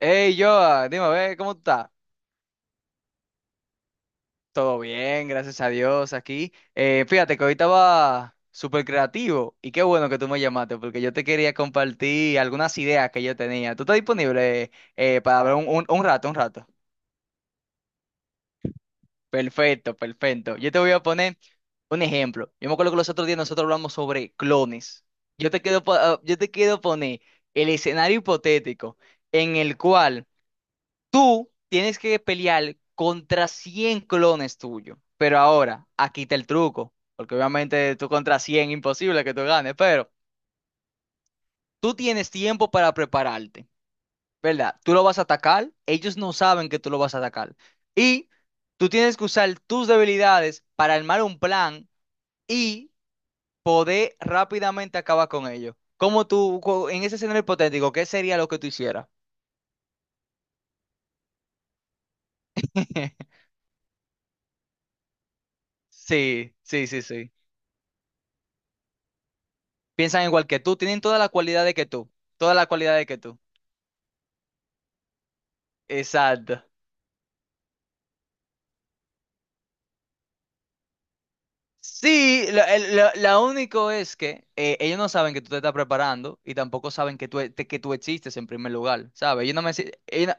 Hey, Joa, dime, a ver, ¿cómo tú estás? Todo bien, gracias a Dios, aquí. Fíjate que hoy estaba súper creativo y qué bueno que tú me llamaste porque yo te quería compartir algunas ideas que yo tenía. ¿Tú estás disponible para hablar un rato, un rato, Perfecto, perfecto. Yo te voy a poner un ejemplo. Yo me acuerdo que los otros días nosotros hablamos sobre clones. Yo te quiero, po- ah, yo te quiero poner el escenario hipotético en el cual. Tú tienes que pelear contra 100 clones tuyos. Pero ahora, aquí está el truco. Porque obviamente tú contra 100, imposible que tú ganes. Pero tú tienes tiempo para prepararte, ¿verdad? Tú lo vas a atacar. Ellos no saben que tú lo vas a atacar. Y tú tienes que usar tus debilidades para armar un plan y poder rápidamente acabar con ellos. Como tú, en ese escenario hipotético, ¿qué sería lo que tú hicieras? Sí, sí, sí, sí. Piensan igual que tú, tienen toda la cualidad de que tú, toda la cualidad de que tú. Exacto. Sí, la único es que ellos no saben que tú te estás preparando y tampoco saben que tú, que tú existes en primer lugar, ¿sabes? Ellos no me... si- ellos no-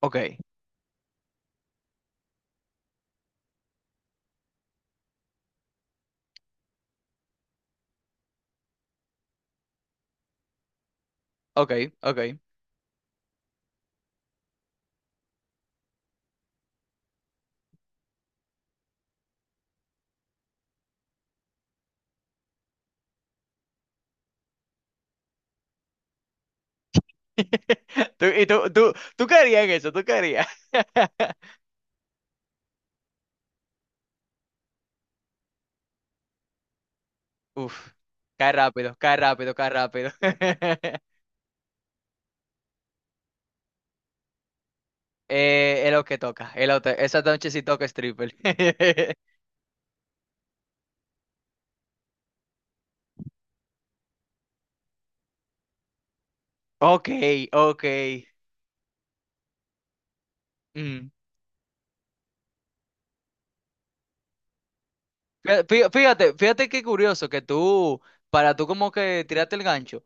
Ok, ok, ok. Y tú caerías en eso, tú caerías. Uf, cae rápido, cae rápido, cae rápido. Es lo que toca, esa noche sí toca stripper. Ok, ok. Mm. Fíjate, fí- fíjate fíjate qué curioso que tú, para tú como que tiraste el gancho,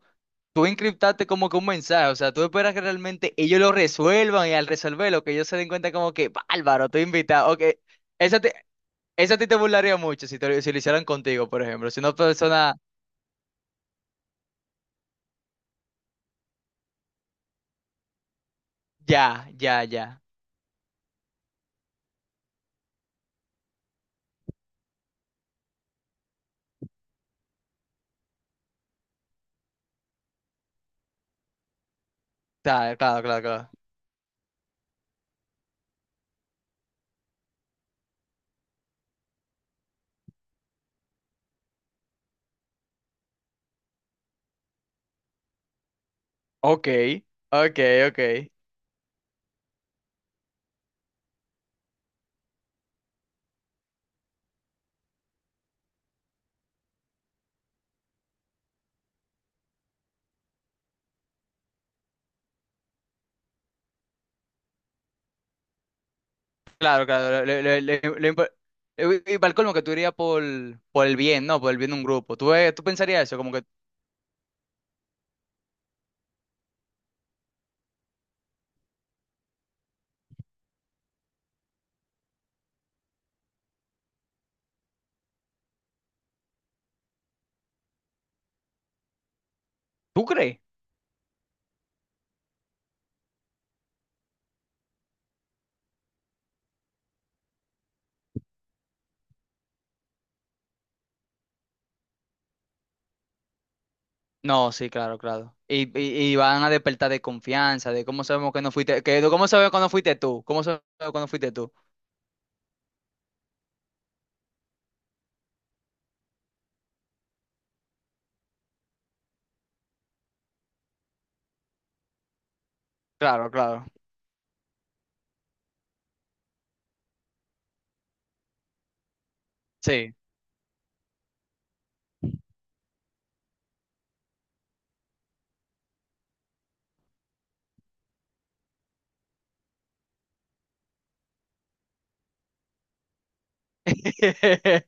tú encriptaste como que un mensaje, o sea, tú esperas que realmente ellos lo resuelvan y al resolverlo, que ellos se den cuenta como que, bárbaro, estoy invitado, ok, esa, te- esa a ti te burlaría mucho si lo hicieran contigo, por ejemplo, si una persona, ya, ya, ya, claro, claro, claro, claro, ok, ok, ok, claro, claro, y para el colmo que tú irías por el bien, ¿no? Por el bien de un grupo, ¿tú pensarías eso, como que. ¿Tú crees? No, sí, claro, claro. Y van a despertar de confianza, de cómo sabemos que no fuiste, que cómo sabemos que no fuiste tú, cómo sabemos que no fuiste tú. Claro, claro. Sí.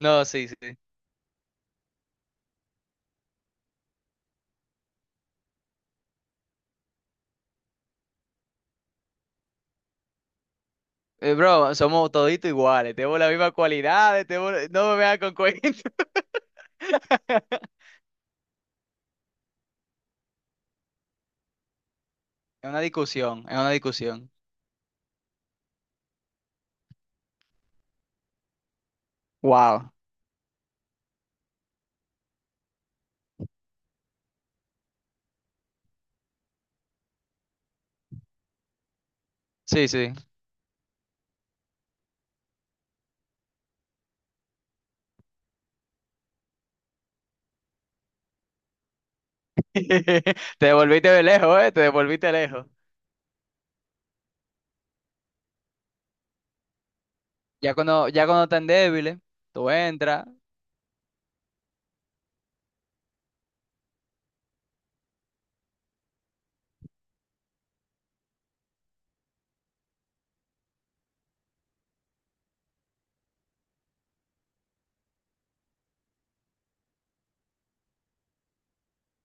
No, sí, sí. Bro, somos toditos iguales, tenemos las mismas cualidades, tenemos, no me veas con cuentos. Es una discusión, es una discusión. Wow. Sí, sí. Te devolviste de lejos, ¿eh? Te devolviste lejos. Ya cuando están débiles, tú entras.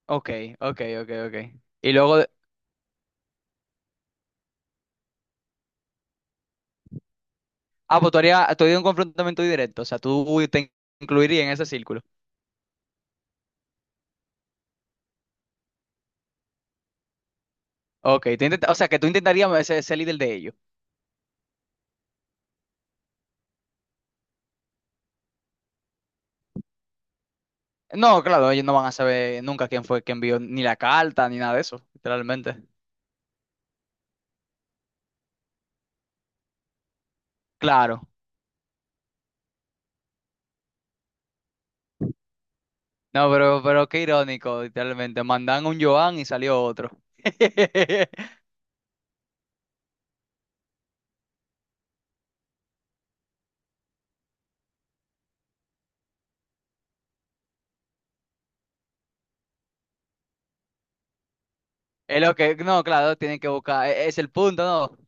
Ok, ok, ok, ok. Y luego, ah, pues tú harías, un confrontamiento directo, o sea, tú te incluirías en ese círculo. Ok, o sea, que tú intentarías ser líder de ellos. No, claro, ellos no van a saber nunca quién fue quien envió ni la carta, ni nada de eso, literalmente. Claro. No, pero qué irónico, literalmente. Mandan un Joan y salió otro. No, claro, tienen que buscar, es el punto, ¿no?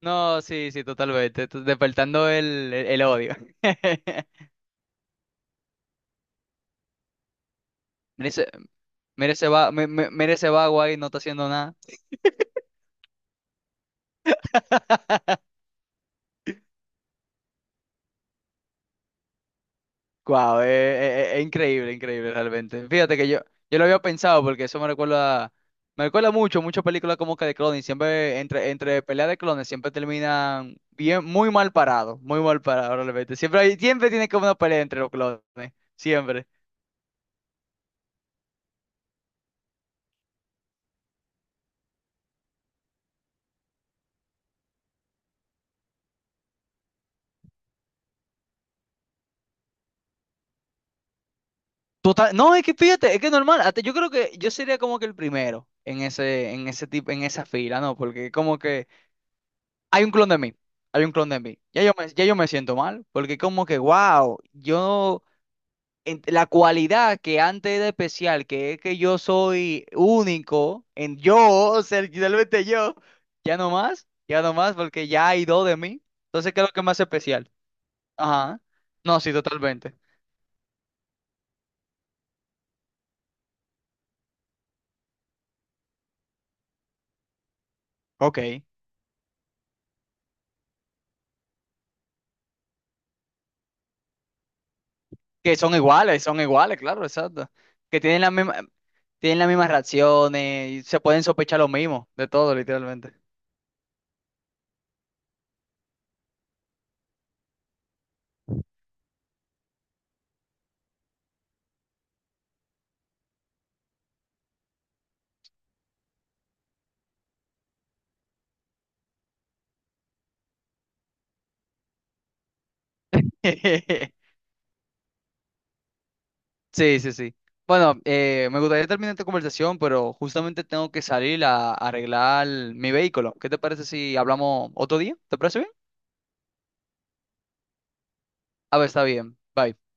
No, sí, sí, totalmente, despertando el odio. Mira ese, mira ese va, mi- mi- mira ese vago ahí, no está haciendo nada. Guau, es increíble, increíble realmente. Fíjate que yo lo había pensado porque eso me recuerda mucho, muchas películas como que de clones, siempre entre peleas de clones siempre terminan bien, muy mal parados realmente. Siempre tiene como una pelea entre los clones, siempre. Total, no, es que fíjate, es que es normal, hasta yo creo que yo sería como que el primero en ese tipo, en esa fila, ¿no? Porque como que hay un clon de mí, hay un clon de mí. Ya yo me siento mal, porque como que, wow, yo, la cualidad que antes era especial, que es que yo soy único en yo, ser literalmente yo, ya no más, porque ya hay dos de mí. Entonces, ¿qué es lo que me hace especial? Ajá. No, sí, totalmente. Ok. Que son iguales, claro, exacto. Que tienen la misma, tienen las mismas reacciones, y se pueden sospechar lo mismo, de todo, literalmente. Sí, sí, sí. Bueno, me gustaría terminar esta conversación, pero justamente tengo que salir a arreglar mi vehículo. ¿Qué te parece si hablamos otro día? ¿Te parece bien? A ver, está bien. Bye.